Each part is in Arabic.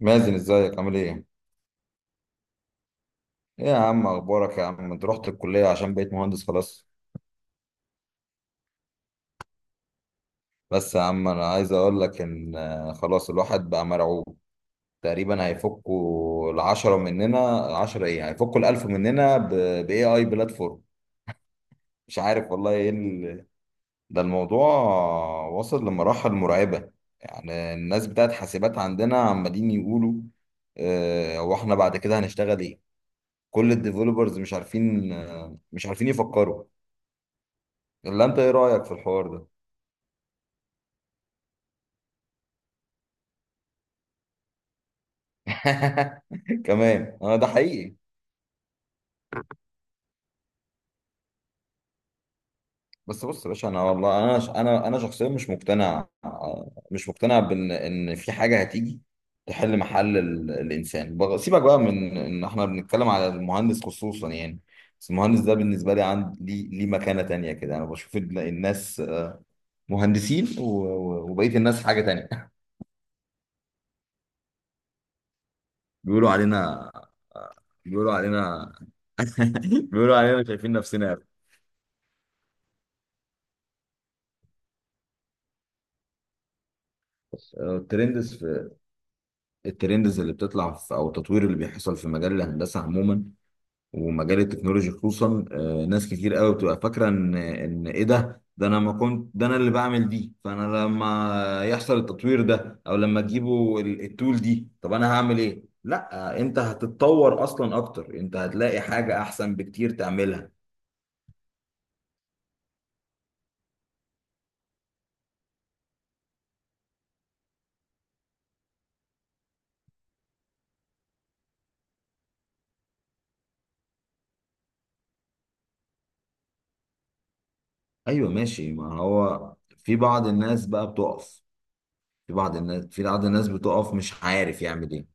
مازن، ازيك عامل ايه؟ ايه يا عم، اخبارك يا عم؟ انت رحت الكلية عشان بقيت مهندس خلاص. بس يا عم، انا عايز اقول لك ان خلاص الواحد بقى مرعوب. تقريبا هيفكوا العشرة مننا، العشرة ايه، هيفكوا الالف مننا باي اي بلاتفورم. مش عارف والله ايه ده الموضوع وصل لمراحل مرعبة. يعني الناس بتاعت حاسبات عندنا عمالين يقولوا هو احنا بعد كده هنشتغل ايه؟ كل الديفلوبرز مش عارفين يفكروا. اللي انت ايه رايك في الحوار ده؟ كمان انا ده حقيقي. بس بص يا باشا، انا والله انا ش- انا انا شخصيا مش مقتنع آه، مش مقتنع بان في حاجه هتيجي تحل محل الانسان سيبك بقى من ان احنا بنتكلم على المهندس خصوصا يعني. بس المهندس ده بالنسبه لي، عندي ليه مكانه تانية كده. انا بشوف الناس مهندسين وبقيه الناس حاجه تانية. بيقولوا علينا آه، بيقولوا علينا. بيقولوا علينا شايفين نفسنا. آه، الترند الترندز اللي بتطلع، في او التطوير اللي بيحصل في مجال الهندسه عموما ومجال التكنولوجي خصوصا. ناس كتير قوي بتبقى فاكره ان ايه، ده انا ما كنت، ده انا اللي بعمل دي. فانا لما يحصل التطوير ده او لما تجيبوا التول دي، طب انا هعمل ايه؟ لا، انت هتتطور اصلا اكتر، انت هتلاقي حاجه احسن بكتير تعملها. ايوه ماشي، ما هو في بعض الناس بقى بتقف. في بعض الناس بتقف مش عارف يعمل ايه.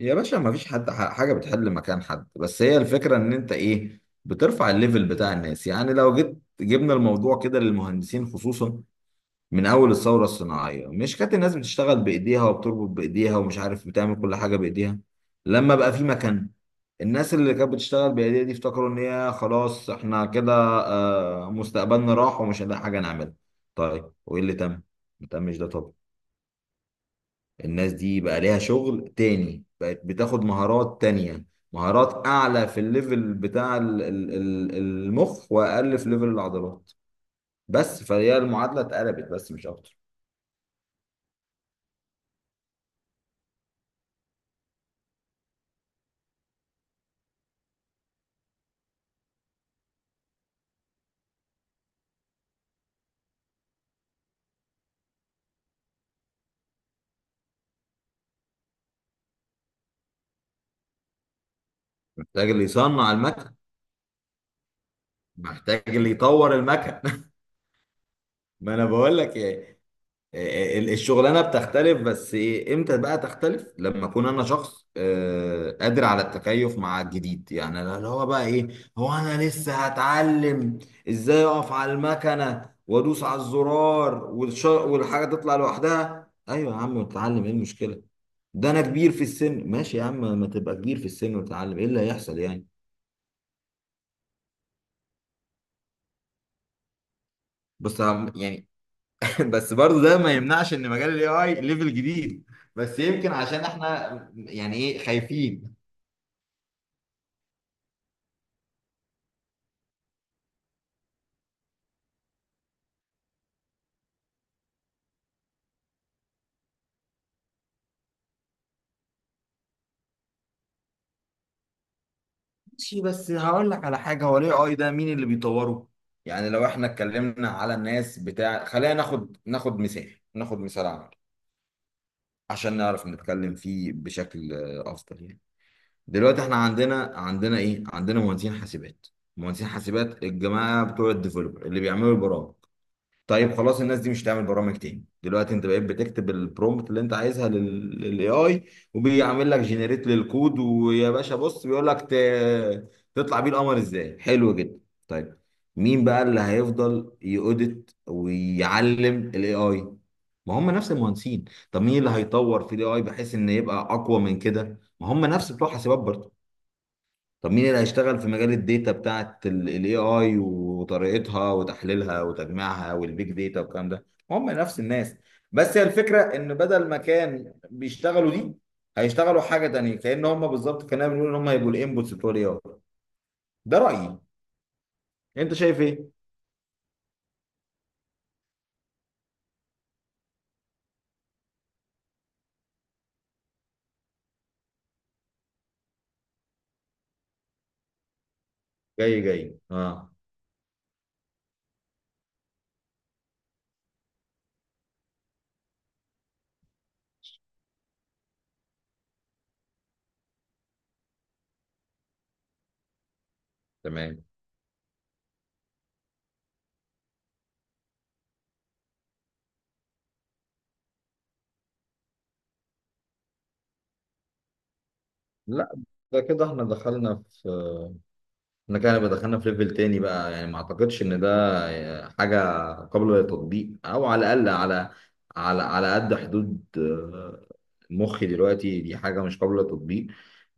يا باشا، ما فيش حد حاجة بتحل مكان حد. بس هي الفكرة ان انت ايه، بترفع الليفل بتاع الناس. يعني لو جيت جبنا الموضوع كده للمهندسين خصوصا، من اول الثورة الصناعية مش كانت الناس بتشتغل بايديها وبتربط بايديها ومش عارف بتعمل كل حاجة بايديها. لما بقى في مكان، الناس اللي كانت بتشتغل بايديها دي افتكروا ان هي خلاص، احنا كده مستقبلنا راح ومش هنلاقي حاجة نعملها. طيب، وايه اللي تم؟ ما تمش ده طبعا. الناس دي بقى ليها شغل تاني، بقت بتاخد مهارات تانية. مهارات أعلى في الليفل بتاع المخ وأقل في ليفل العضلات. بس فهي المعادلة اتقلبت بس مش أكتر. محتاج اللي يصنع المكن، محتاج اللي يطور المكن. ما أنا بقول لك إيه، الشغلانه بتختلف. بس إيه، امتى بقى تختلف؟ لما اكون انا شخص قادر على التكيف مع الجديد. يعني أنا اللي هو بقى ايه، هو انا لسه هتعلم ازاي اقف على المكنه وادوس على الزرار والحاجه تطلع لوحدها؟ ايوه يا عم، اتعلم، ايه المشكله؟ ده انا كبير في السن. ماشي يا عم، ما تبقى كبير في السن وتتعلم، ايه اللي هيحصل يعني؟ بس يعني، بس برضه ده ما يمنعش ان مجال الاي اي ليفل جديد. بس يمكن عشان احنا يعني ايه، خايفين. ماشي، بس هقول لك على حاجة. هو الاي اي ده مين اللي بيطوره؟ يعني لو احنا اتكلمنا على الناس بتاع، خلينا ناخد مثال، ناخد مثال عملي عشان نعرف نتكلم فيه بشكل افضل يعني. دلوقتي احنا عندنا ايه؟ عندنا مهندسين حاسبات. مهندسين حاسبات الجماعة بتوع الديفلوبر اللي بيعملوا البرامج. طيب خلاص، الناس دي مش هتعمل برامج تاني. دلوقتي انت بقيت بتكتب البرومبت اللي انت عايزها للاي اي وبيعمل لك جنريت للكود، ويا باشا بص بيقول لك تطلع بيه القمر. ازاي؟ حلو جدا. طيب، مين بقى اللي هيفضل يؤدت ويعلم الاي اي؟ ما هم نفس المهندسين. طب مين اللي هيطور في الاي اي بحيث ان يبقى اقوى من كده؟ ما هم نفس بتوع حاسبات برضه. طب مين اللي هيشتغل في مجال الداتا بتاعت الاي اي وطريقتها وتحليلها وتجميعها والبيج داتا والكلام ده؟ هم نفس الناس. بس هي الفكره ان بدل ما كان بيشتغلوا دي، هيشتغلوا حاجه تانيه. كأن هم بالظبط، كنا بنقول ان هم هيبقوا الانبوتس بتوع الاي اي. ده رأيي، انت شايف ايه؟ جاي جاي اه. تمام. لا، ده كده احنا دخلنا في، احنا كده هنبقى دخلنا في ليفل تاني بقى. يعني ما اعتقدش ان ده حاجة قابلة للتطبيق، او على الاقل على على قد حدود مخي دلوقتي، دي حاجة مش قابلة للتطبيق.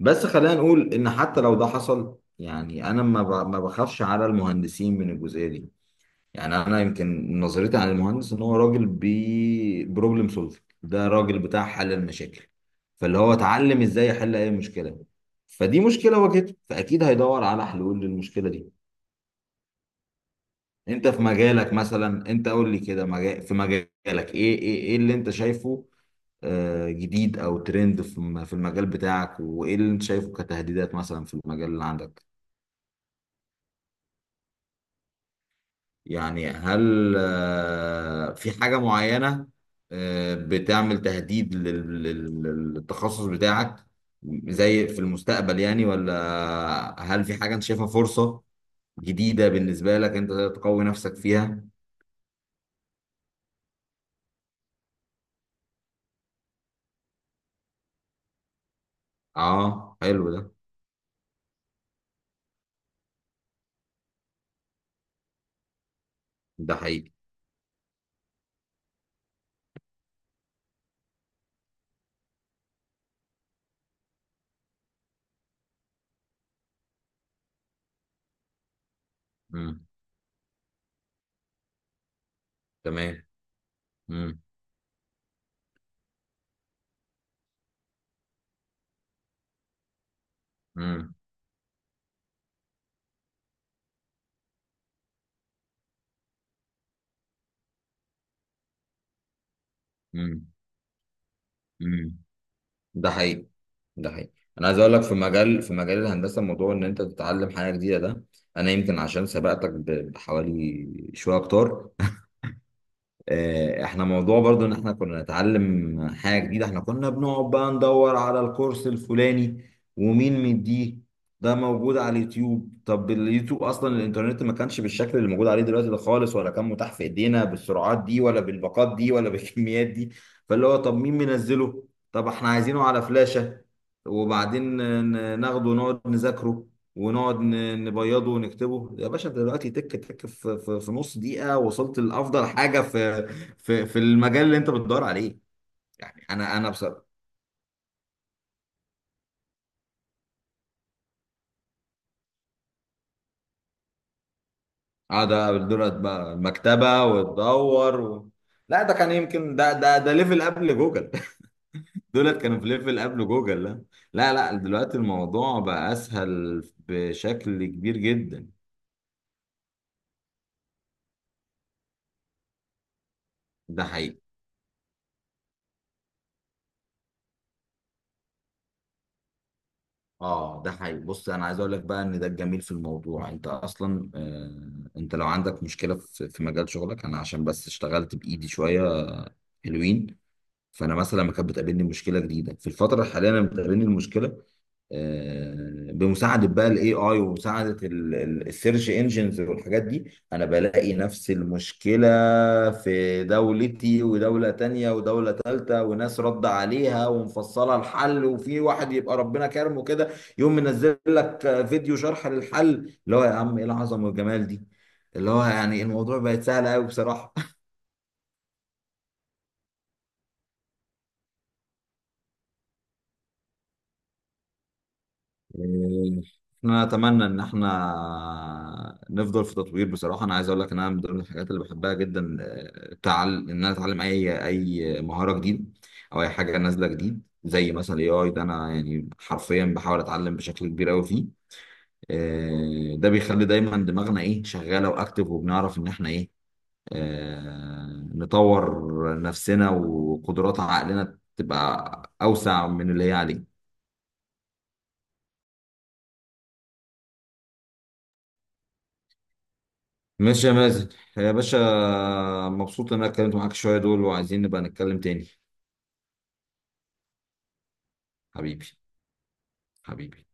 بس خلينا نقول ان حتى لو ده حصل، يعني انا ما بخافش على المهندسين من الجزئية دي. يعني انا يمكن نظرتي عن المهندس ان هو راجل بي بروبلم سولفنج، ده راجل بتاع حل المشاكل. فاللي هو اتعلم ازاي يحل اي مشكله، فدي مشكله واجهته فاكيد هيدور على حلول للمشكله دي. انت في مجالك مثلا، انت قول لي كده، مجال في مجالك، ايه اللي انت شايفه جديد او ترند في في المجال بتاعك؟ وايه اللي انت شايفه كتهديدات مثلا في المجال اللي عندك؟ يعني هل في حاجة معينة بتعمل تهديد للتخصص بتاعك، زي في المستقبل يعني؟ ولا هل في حاجة انت شايفها فرصة جديدة بالنسبة لك انت تقدر تقوي نفسك فيها؟ اه حلو ده. ده حقيقي. مم. تمام. مم. مم. مم. مم. ده حقيقي. ده حقيقي. انا عايز اقول لك، في مجال الهندسه، موضوع ان انت تتعلم حاجه جديده ده، انا يمكن عشان سبقتك بحوالي شويه اكتر. احنا موضوع برضو ان احنا كنا نتعلم حاجة جديدة، احنا كنا بنقعد بقى ندور على الكورس الفلاني ومين مديه، ده موجود على اليوتيوب؟ طب اليوتيوب اصلا، الانترنت ما كانش بالشكل اللي موجود عليه دلوقتي ده خالص، ولا كان متاح في ايدينا بالسرعات دي ولا بالباقات دي ولا بالكميات دي. فاللي هو طب مين منزله، طب احنا عايزينه على فلاشة، وبعدين ناخده ونقعد نذاكره ونقعد نبيضه ونكتبه. يا باشا، دلوقتي تك تك، في نص دقيقة وصلت لأفضل حاجة في المجال اللي انت بتدور عليه. يعني انا بصراحه، اقعد دولت بقى المكتبه وتدور لا ده كان يمكن ده ليفل قبل جوجل. دولت كانوا في ليفل قبل جوجل. لا. لا، لا، دلوقتي الموضوع بقى اسهل بشكل كبير جدا. ده حقيقي. اه ده حقيقي. بص انا عايز اقول لك بقى ان ده الجميل في الموضوع. انت اصلا انت لو عندك مشكله في مجال شغلك، انا عشان بس اشتغلت بايدي شويه حلوين. فانا مثلا لما كانت بتقابلني مشكله جديده في الفتره الحاليه، انا بتقابلني المشكله بمساعده بقى الاي اي ومساعده السيرش انجنز والحاجات دي. انا بلاقي نفس المشكله في دولتي ودوله تانية ودوله تالتة، وناس رد عليها ومفصله الحل، وفي واحد يبقى ربنا كرمه كده يقوم منزل لك فيديو شرح للحل. اللي هو يا عم، ايه العظمه والجمال دي! اللي هو يعني الموضوع بقت سهل قوي بصراحه. احنا اتمنى ان احنا نفضل في تطوير. بصراحه انا عايز اقول لك ان انا من ضمن الحاجات اللي بحبها جدا ان انا اتعلم اي اي مهاره جديده او اي حاجه نازله جديد، زي مثلا الاي اي ده. انا يعني حرفيا بحاول اتعلم بشكل كبير قوي فيه. ده بيخلي دايما دماغنا ايه، شغاله واكتف، وبنعرف ان احنا ايه، نطور نفسنا وقدرات عقلنا تبقى اوسع من اللي هي عليه. ماشي يا مازن يا باشا، مبسوط ان انا اتكلمت معاك شوية دول، وعايزين نبقى نتكلم تاني. حبيبي. حبيبي.